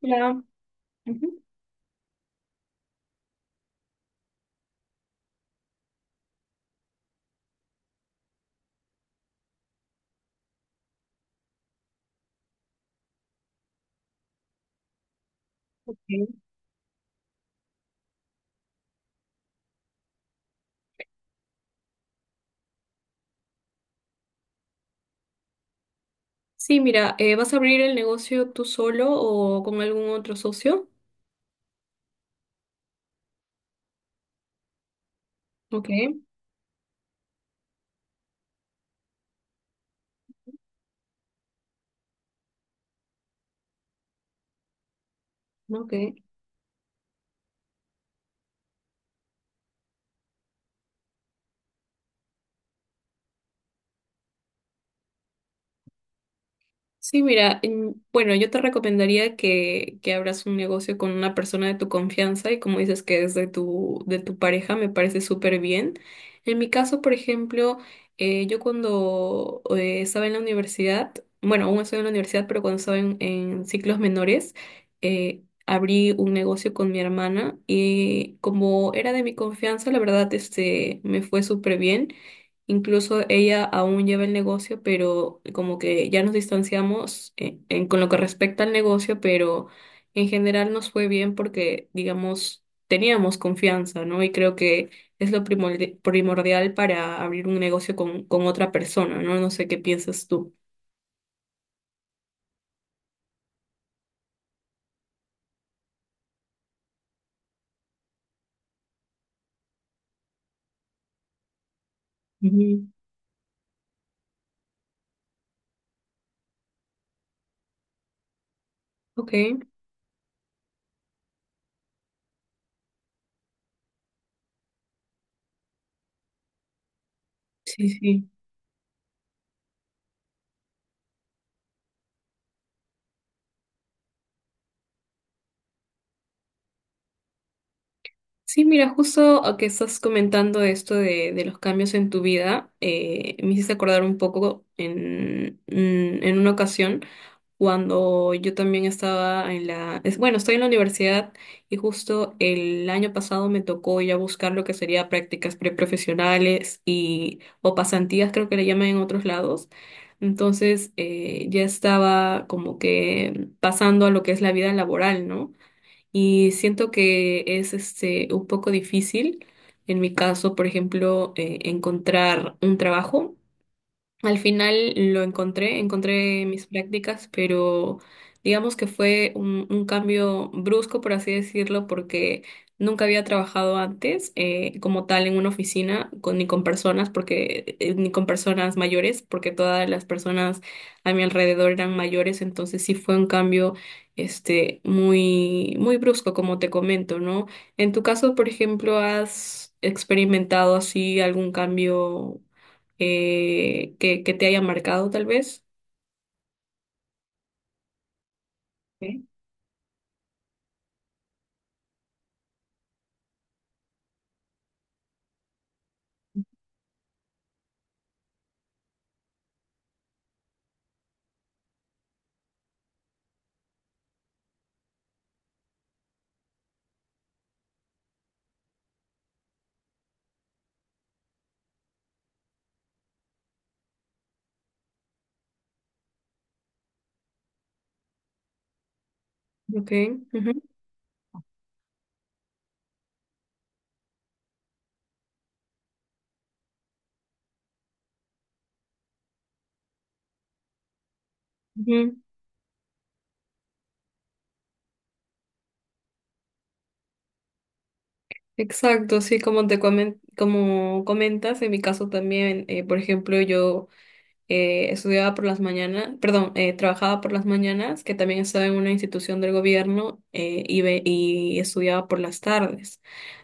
Hola. Ujú. Ok. Sí, mira, ¿vas a abrir el negocio tú solo o con algún otro socio? Ok, ok. Sí, mira, bueno, yo te recomendaría que abras un negocio con una persona de tu confianza y como dices que es de tu pareja, me parece súper bien. En mi caso, por ejemplo, yo cuando estaba en la universidad, bueno, aún estoy en la universidad, pero cuando estaba en ciclos menores, abrí un negocio con mi hermana y como era de mi confianza, la verdad, este, me fue súper bien. Incluso ella aún lleva el negocio, pero como que ya nos distanciamos con lo que respecta al negocio, pero en general nos fue bien porque, digamos, teníamos confianza, ¿no? Y creo que es lo primordial para abrir un negocio con otra persona, ¿no? No sé qué piensas tú. Ujú. Ok, sí, sí. Sí, mira, justo a que estás comentando esto de los cambios en tu vida, me hiciste acordar un poco en, en una ocasión. Cuando yo también estaba en la, bueno, estoy en la universidad y justo el año pasado me tocó ya buscar lo que sería prácticas preprofesionales y o pasantías, creo que le llaman en otros lados. Entonces, ya estaba como que pasando a lo que es la vida laboral, ¿no? Y siento que es este un poco difícil. En mi caso, por ejemplo, encontrar un trabajo al final lo encontré, encontré mis prácticas, pero digamos que fue un cambio brusco, por así decirlo, porque nunca había trabajado antes como tal en una oficina con, ni con personas, porque ni con personas mayores, porque todas las personas a mi alrededor eran mayores, entonces sí fue un cambio este muy muy brusco, como te comento, ¿no? En tu caso, por ejemplo, ¿has experimentado así algún cambio? Que te haya marcado tal vez. ¿Sí? Ok, ujú, ujú. Exacto, sí, como comentas, en mi caso también, por ejemplo, yo estudiaba por las mañanas, perdón, trabajaba por las mañanas, que también estaba en una institución del gobierno y, y estudiaba por las tardes.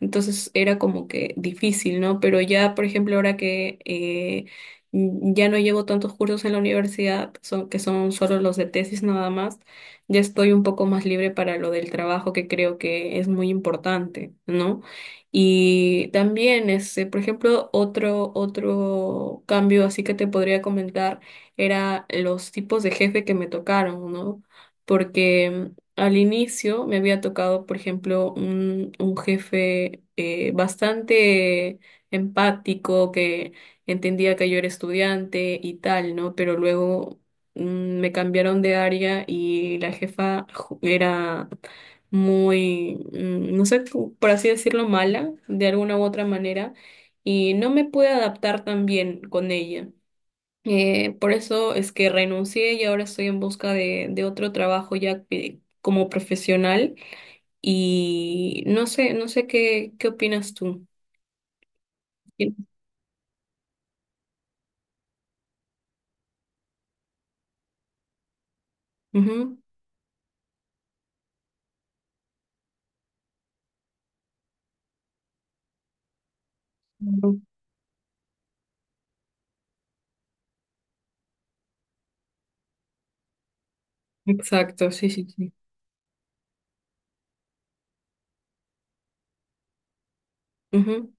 Entonces era como que difícil, ¿no? Pero ya, por ejemplo, ahora que ya no llevo tantos cursos en la universidad, son, que son solo los de tesis nada más, ya estoy un poco más libre para lo del trabajo, que creo que es muy importante, ¿no? Y también, este, por ejemplo, otro cambio así que te podría comentar era los tipos de jefe que me tocaron, ¿no? Porque al inicio me había tocado, por ejemplo, un jefe bastante empático que entendía que yo era estudiante y tal, ¿no? Pero luego me cambiaron de área y la jefa era muy, no sé, por así decirlo, mala, de alguna u otra manera, y no me pude adaptar tan bien con ella. Por eso es que renuncié y ahora estoy en busca de otro trabajo como profesional y no sé, no sé qué, qué opinas tú. Sí. Ujú. Ujú. Exacto, sí, sí, sí. Ujú.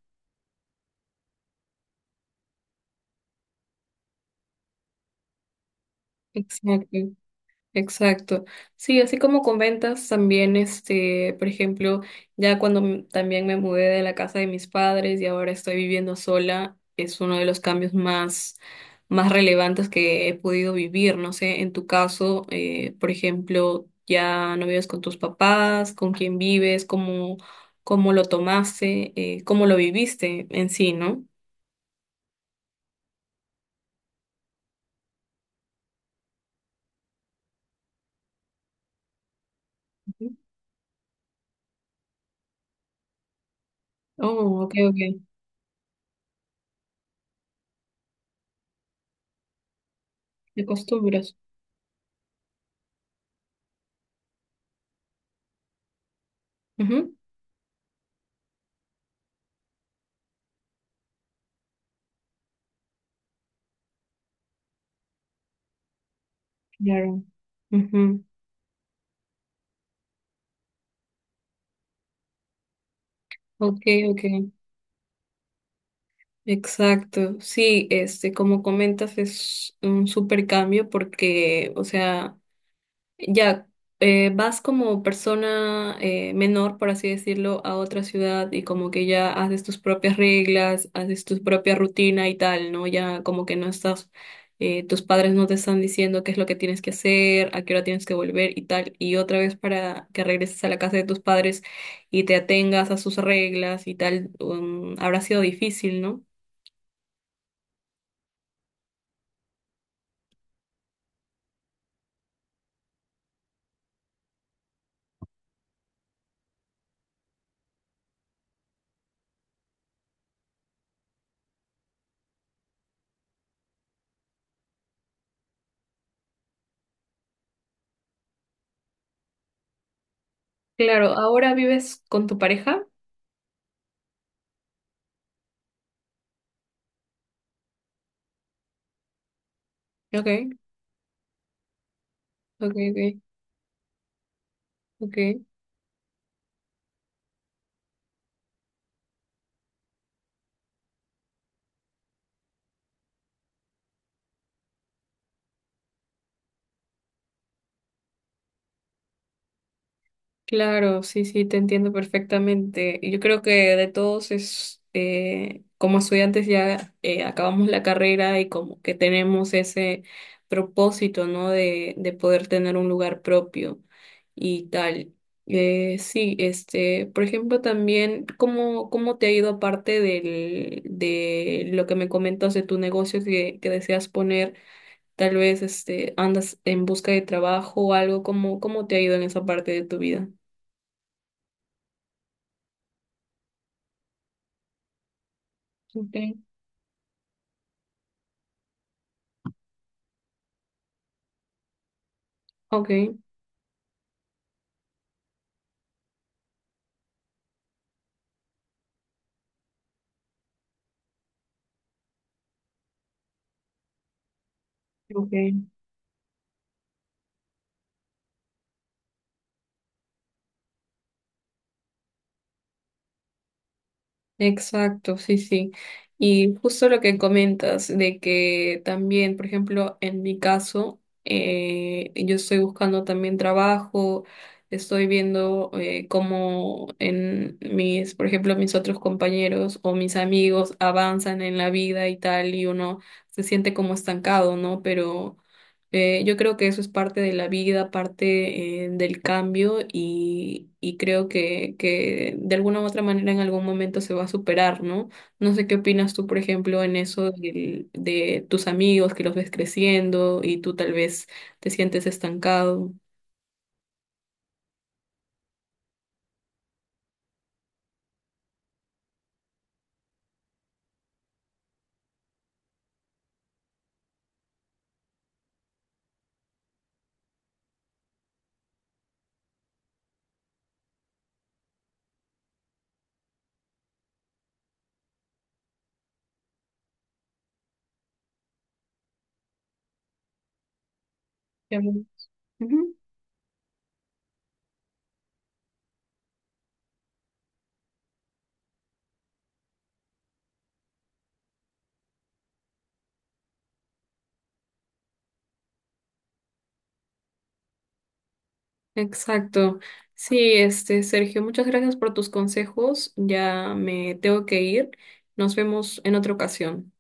Exacto. Exacto. Sí, así como con ventas también, este, por ejemplo, ya cuando también me mudé de la casa de mis padres y ahora estoy viviendo sola, es uno de los cambios más, más relevantes que he podido vivir. No sé, en tu caso, por ejemplo, ya no vives con tus papás, con quién vives, cómo, cómo lo tomaste, cómo lo viviste en sí, ¿no? Ujú. Oh, ok, ok. De costumbres. Ujú. Claro. Ujú. Ok, ok. Exacto, sí, este, como comentas, es un súper cambio porque, o sea, ya vas como persona menor, por así decirlo, a otra ciudad y como que ya haces tus propias reglas, haces tu propia rutina y tal, ¿no? Ya como que no estás, tus padres no te están diciendo qué es lo que tienes que hacer, a qué hora tienes que volver y tal, y otra vez para que regreses a la casa de tus padres y te atengas a sus reglas y tal, habrá sido difícil, ¿no? Claro, ahora vives con tu pareja. Ok, ok, ok, ok. Claro, sí, sí, te entiendo perfectamente. Y yo creo que de todos es, como estudiantes ya acabamos la carrera y como que tenemos ese propósito, ¿no? De poder tener un lugar propio y tal. Sí, este, por ejemplo, también, ¿cómo, cómo te ha ido aparte del, de lo que me comentas de tu negocio que deseas poner? Tal vez este, andas en busca de trabajo o algo, ¿cómo, cómo te ha ido en esa parte de tu vida? Okay, ok, okay. Exacto, sí, sí. Y justo lo que comentas de que también, por ejemplo, en mi caso, yo estoy buscando también trabajo, estoy viendo cómo en mis, por ejemplo, mis otros compañeros o mis amigos avanzan en la vida y tal, y uno se siente como estancado, ¿no? Pero yo creo que eso es parte de la vida, parte del cambio y creo que de alguna u otra manera en algún momento se va a superar, ¿no? No sé qué opinas tú, por ejemplo, en eso de tus amigos que los ves creciendo y tú tal vez te sientes estancado. Ya veo. Ujú, exacto. Sí, este, Sergio, muchas gracias por tus consejos. Ya me tengo que ir. Nos vemos en otra ocasión.